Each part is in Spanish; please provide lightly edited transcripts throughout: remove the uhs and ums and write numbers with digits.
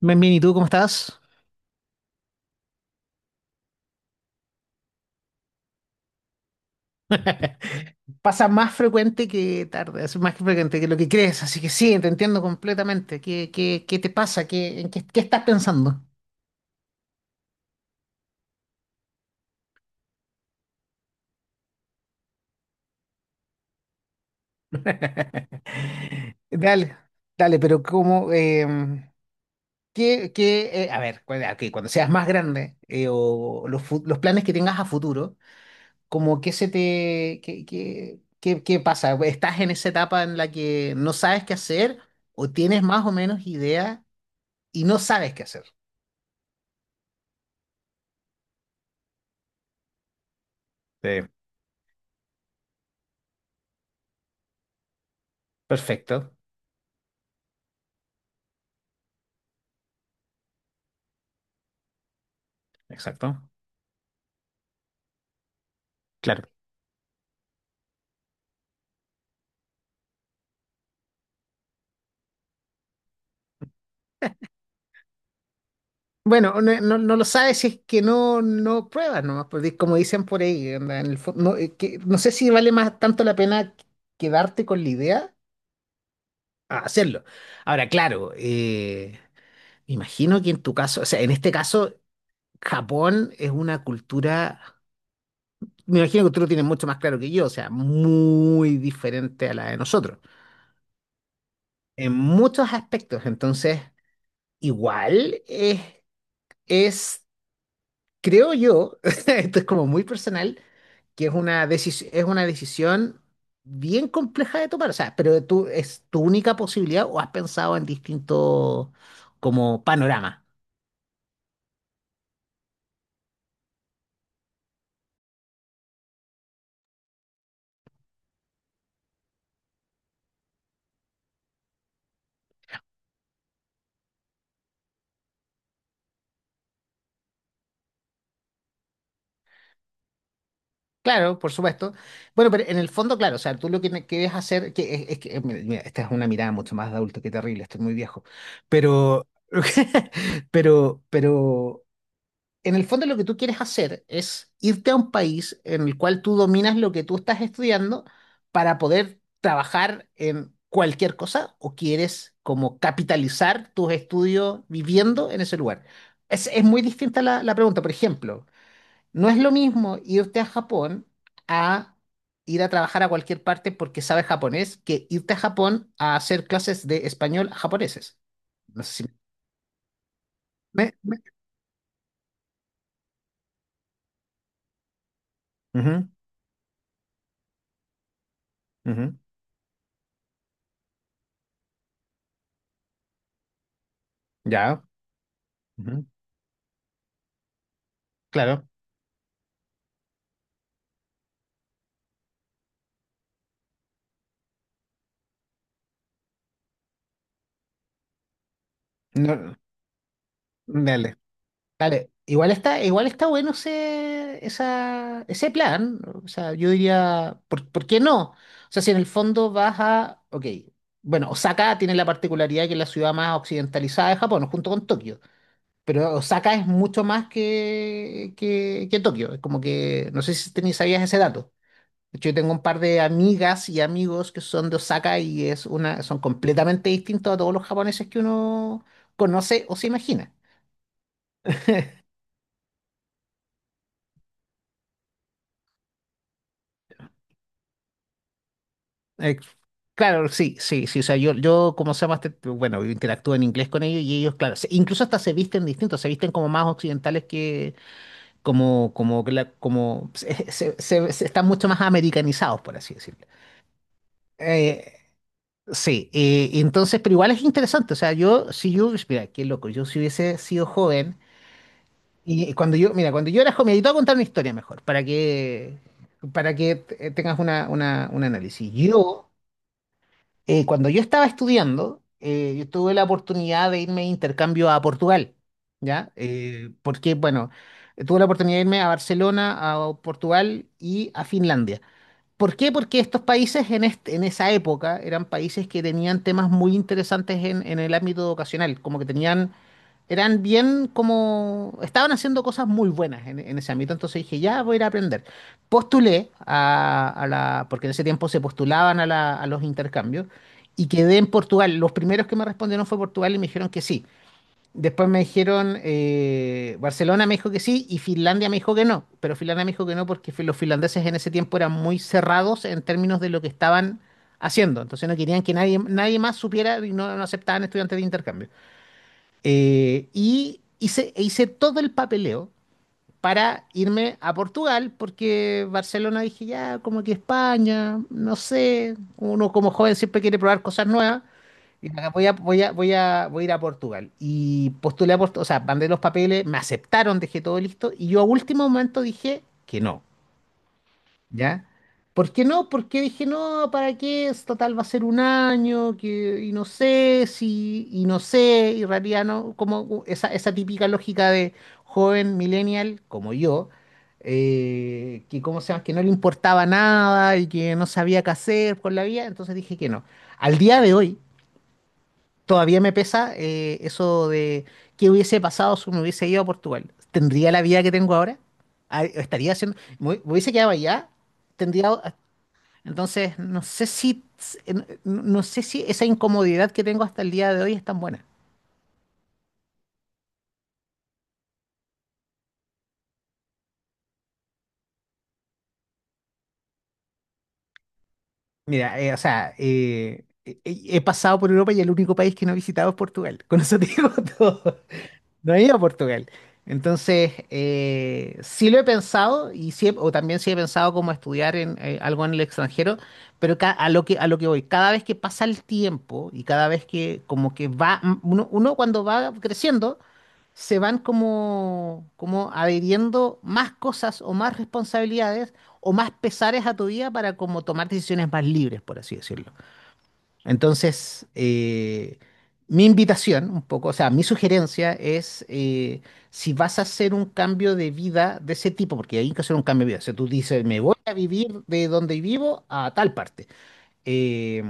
Bien, bien, ¿y tú cómo estás? Pasa más frecuente que tarde, es más frecuente que lo que crees, así que sí, te entiendo completamente. ¿Qué te pasa? ¿En qué estás pensando? Dale, dale, pero como, a ver, ok, cuando seas más grande o los, los planes que tengas a futuro. ¿Cómo qué se te, qué pasa? ¿Estás en esa etapa en la que no sabes qué hacer o tienes más o menos idea y no sabes qué hacer? Sí, perfecto, exacto, claro. Bueno, no lo sabes si es que no pruebas nomás, porque como dicen por ahí, onda, en el fo- no, que, no sé si vale más tanto la pena quedarte con la idea a hacerlo. Ahora, claro, me imagino que en tu caso, o sea, en este caso, Japón es una cultura, me imagino que tú lo tienes mucho más claro que yo, o sea, muy diferente a la de nosotros, en muchos aspectos, entonces, igual es, creo yo, esto es como muy personal, que es una decisión, bien compleja de tomar, o sea, pero tú, ¿es tu única posibilidad o has pensado en distintos como panorama? Claro, por supuesto. Bueno, pero en el fondo, claro, o sea, tú lo que quieres hacer, que es que, mira, esta es una mirada mucho más de adulto, qué terrible, estoy muy viejo, pero, pero, en el fondo lo que tú quieres hacer es irte a un país en el cual tú dominas lo que tú estás estudiando para poder trabajar en cualquier cosa, o quieres como capitalizar tus estudios viviendo en ese lugar. Es muy distinta la pregunta. Por ejemplo, no es lo mismo irte a Japón a ir a trabajar a cualquier parte porque sabes japonés, que irte a Japón a hacer clases de español a japoneses. No sé si me... me- Ujú, ujú. Ya. Ujú. Claro. No, dale. Dale, igual está, bueno ese plan. O sea, yo diría, ¿por qué no? O sea, si en el fondo vas a, ok, bueno, Osaka tiene la particularidad que es la ciudad más occidentalizada de Japón, junto con Tokio. Pero Osaka es mucho más que Tokio. Es como que, no sé si sabías ese dato. De hecho, yo tengo un par de amigas y amigos que son de Osaka y son completamente distintos a todos los japoneses que uno conoce o se imagina. Ex- claro, sí, sí, sí. O sea, yo como se llama, este, bueno, interactúo en inglés con ellos, y ellos, claro, incluso hasta se visten distintos, se visten como más occidentales, que como, que la- como se- se- se están mucho más americanizados, por así decirlo. Eh, sí, entonces, pero igual es interesante. O sea, yo, si yo, mira, qué loco, yo si hubiese sido joven, y mira, cuando yo era joven, y te voy a contar una historia mejor, para que, para que tengas una, un análisis. Yo. Cuando yo estaba estudiando, yo tuve la oportunidad de irme de intercambio a Portugal, ¿ya? Porque, bueno, tuve la oportunidad de irme a Barcelona, a Portugal y a Finlandia. ¿Por qué? Porque estos países en esa época eran países que tenían temas muy interesantes en, el ámbito educacional, como que tenían, eran bien como. Estaban haciendo cosas muy buenas en, ese ámbito, entonces dije, ya voy a ir a aprender. Postulé a la, porque en ese tiempo se postulaban a los intercambios, y quedé en Portugal. Los primeros que me respondieron fue Portugal, y me dijeron que sí. Después me dijeron, Barcelona me dijo que sí y Finlandia me dijo que no, pero Finlandia me dijo que no porque los finlandeses en ese tiempo eran muy cerrados en términos de lo que estaban haciendo, entonces no querían que nadie, nadie más supiera, y no aceptaban estudiantes de intercambio. E hice todo el papeleo para irme a Portugal, porque Barcelona dije, ya, como que España, no sé, uno como joven siempre quiere probar cosas nuevas. Y acá voy a ir a Portugal. Y postulé a Portugal, o sea, mandé los papeles, me aceptaron, dejé todo listo. Y yo a último momento dije que no. ¿Ya? ¿Por qué no? Porque dije, no, ¿para qué? Es total, va a ser un año, que, y no sé, si, y no sé, y en realidad no, como esa típica lógica de joven millennial como yo, que, ¿cómo se llama?, que no le importaba nada y que no sabía qué hacer por la vida, entonces dije que no. Al día de hoy, todavía me pesa eso de qué hubiese pasado si me hubiese ido a Portugal. ¿Tendría la vida que tengo ahora? Ah, ¿estaría haciendo, me hubiese quedado allá? Tendría, entonces, no sé si, no sé si esa incomodidad que tengo hasta el día de hoy es tan buena. Mira, o sea, he pasado por Europa y el único país que no he visitado es Portugal. Con eso te digo todo. No he ido a Portugal. Entonces, sí lo he pensado, y sí o también sí he pensado como estudiar en, algo en el extranjero, pero a lo que, voy, cada vez que pasa el tiempo, y cada vez que como que va, uno, cuando va creciendo, se van como, como adhiriendo más cosas, o más responsabilidades, o más pesares a tu vida, para como tomar decisiones más libres, por así decirlo. Entonces, mi invitación, un poco, o sea, mi sugerencia es, si vas a hacer un cambio de vida de ese tipo, porque hay que hacer un cambio de vida, o sea, tú dices, me voy a vivir de donde vivo a tal parte. Eh,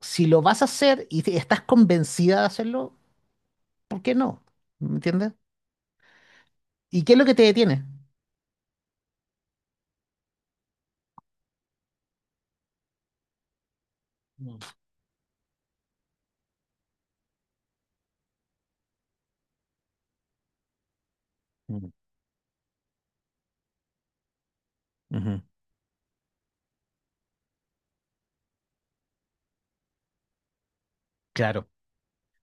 si lo vas a hacer y estás convencida de hacerlo, ¿por qué no? ¿Me entiendes? ¿Y qué es lo que te detiene? Mm. Mm. Ujú. Claro,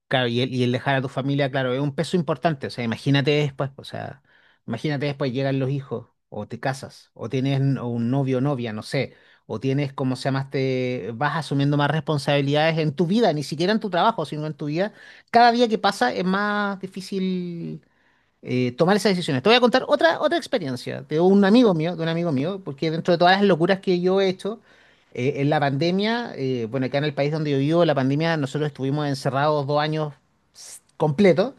claro, y el, dejar a tu familia, claro, es un peso importante. O sea, imagínate después, o sea, imagínate después llegan los hijos, o te casas, o tienes un novio o novia, no sé, o tienes, como se llama, este, vas asumiendo más responsabilidades en tu vida, ni siquiera en tu trabajo, sino en tu vida. Cada día que pasa es más difícil tomar esas decisiones. Te voy a contar otra experiencia de un amigo mío, porque dentro de todas las locuras que yo he hecho, en la pandemia, bueno, acá en el país donde yo vivo, la pandemia, nosotros estuvimos encerrados dos años completos.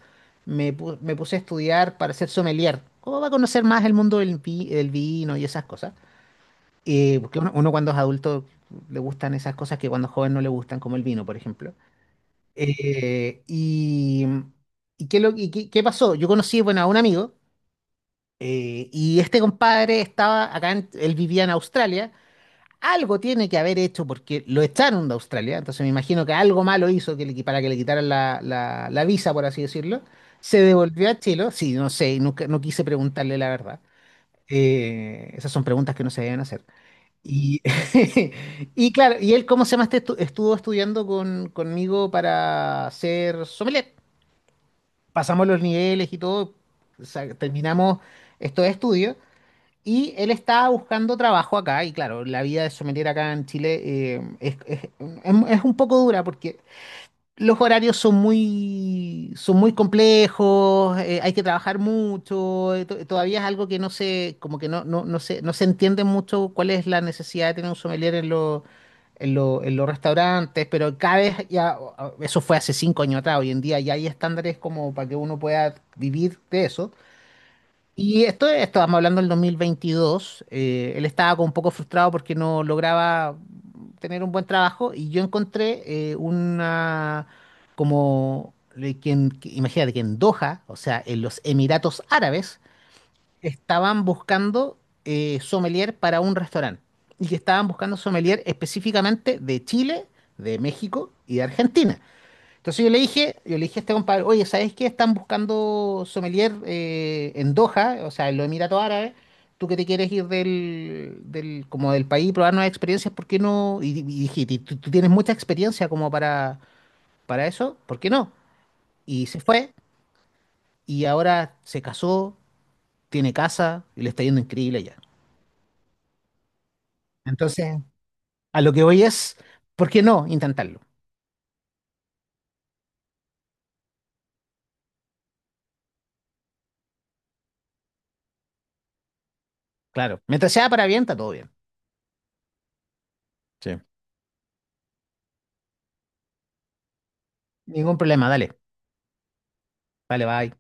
Me puse a estudiar para ser sommelier. ¿Cómo va a conocer más el mundo del vino y esas cosas? Porque uno, cuando es adulto, le gustan esas cosas que cuando es joven no le gustan, como el vino, por ejemplo. Eh, y, ¿Y qué, lo, y qué, qué pasó? Yo conocí, bueno, a un amigo, y este compadre estaba acá, él vivía en Australia. Algo tiene que haber hecho porque lo echaron de Australia. Entonces me imagino que algo malo hizo para que le quitaran la visa, por así decirlo. Se devolvió a Chile. Sí, no sé, nunca, no quise preguntarle la verdad. Esas son preguntas que no se deben hacer. Y, y claro, ¿y él cómo se llama?, este estuvo estudiando conmigo para ser sommelier. Pasamos los niveles y todo, o sea, terminamos estos estudios. Y él estaba buscando trabajo acá, y claro, la vida de sommelier acá en Chile, eh, es, es- es un poco dura porque los horarios son muy, complejos, hay que trabajar mucho, todavía es algo que no se, como que no se entiende mucho cuál es la necesidad de tener un sommelier en los, en los restaurantes, pero cada vez ya, eso fue hace cinco años atrás, hoy en día ya hay estándares como para que uno pueda vivir de eso. Y esto, estábamos hablando del 2022, él estaba como un poco frustrado porque no lograba tener un buen trabajo, y yo encontré una, como, le- que en- que- imagínate que en Doha, o sea, en los Emiratos Árabes, estaban buscando sommelier para un restaurante, y que estaban buscando sommelier específicamente de Chile, de México y de Argentina. Entonces yo le dije, a este compadre, oye, ¿sabes qué? Están buscando sommelier en Doha, o sea, en los Emiratos Árabes. Tú que te quieres ir del país, probar nuevas experiencias, ¿por qué no? Y dije: "Tú tienes mucha experiencia como para, eso, ¿por qué no?" Y se fue, y ahora se casó, tiene casa, y le está yendo increíble allá. Entonces, a lo que voy es, ¿por qué no intentarlo? Claro, mientras sea para bien, está todo bien. Sí. Ningún problema, dale, dale, bye.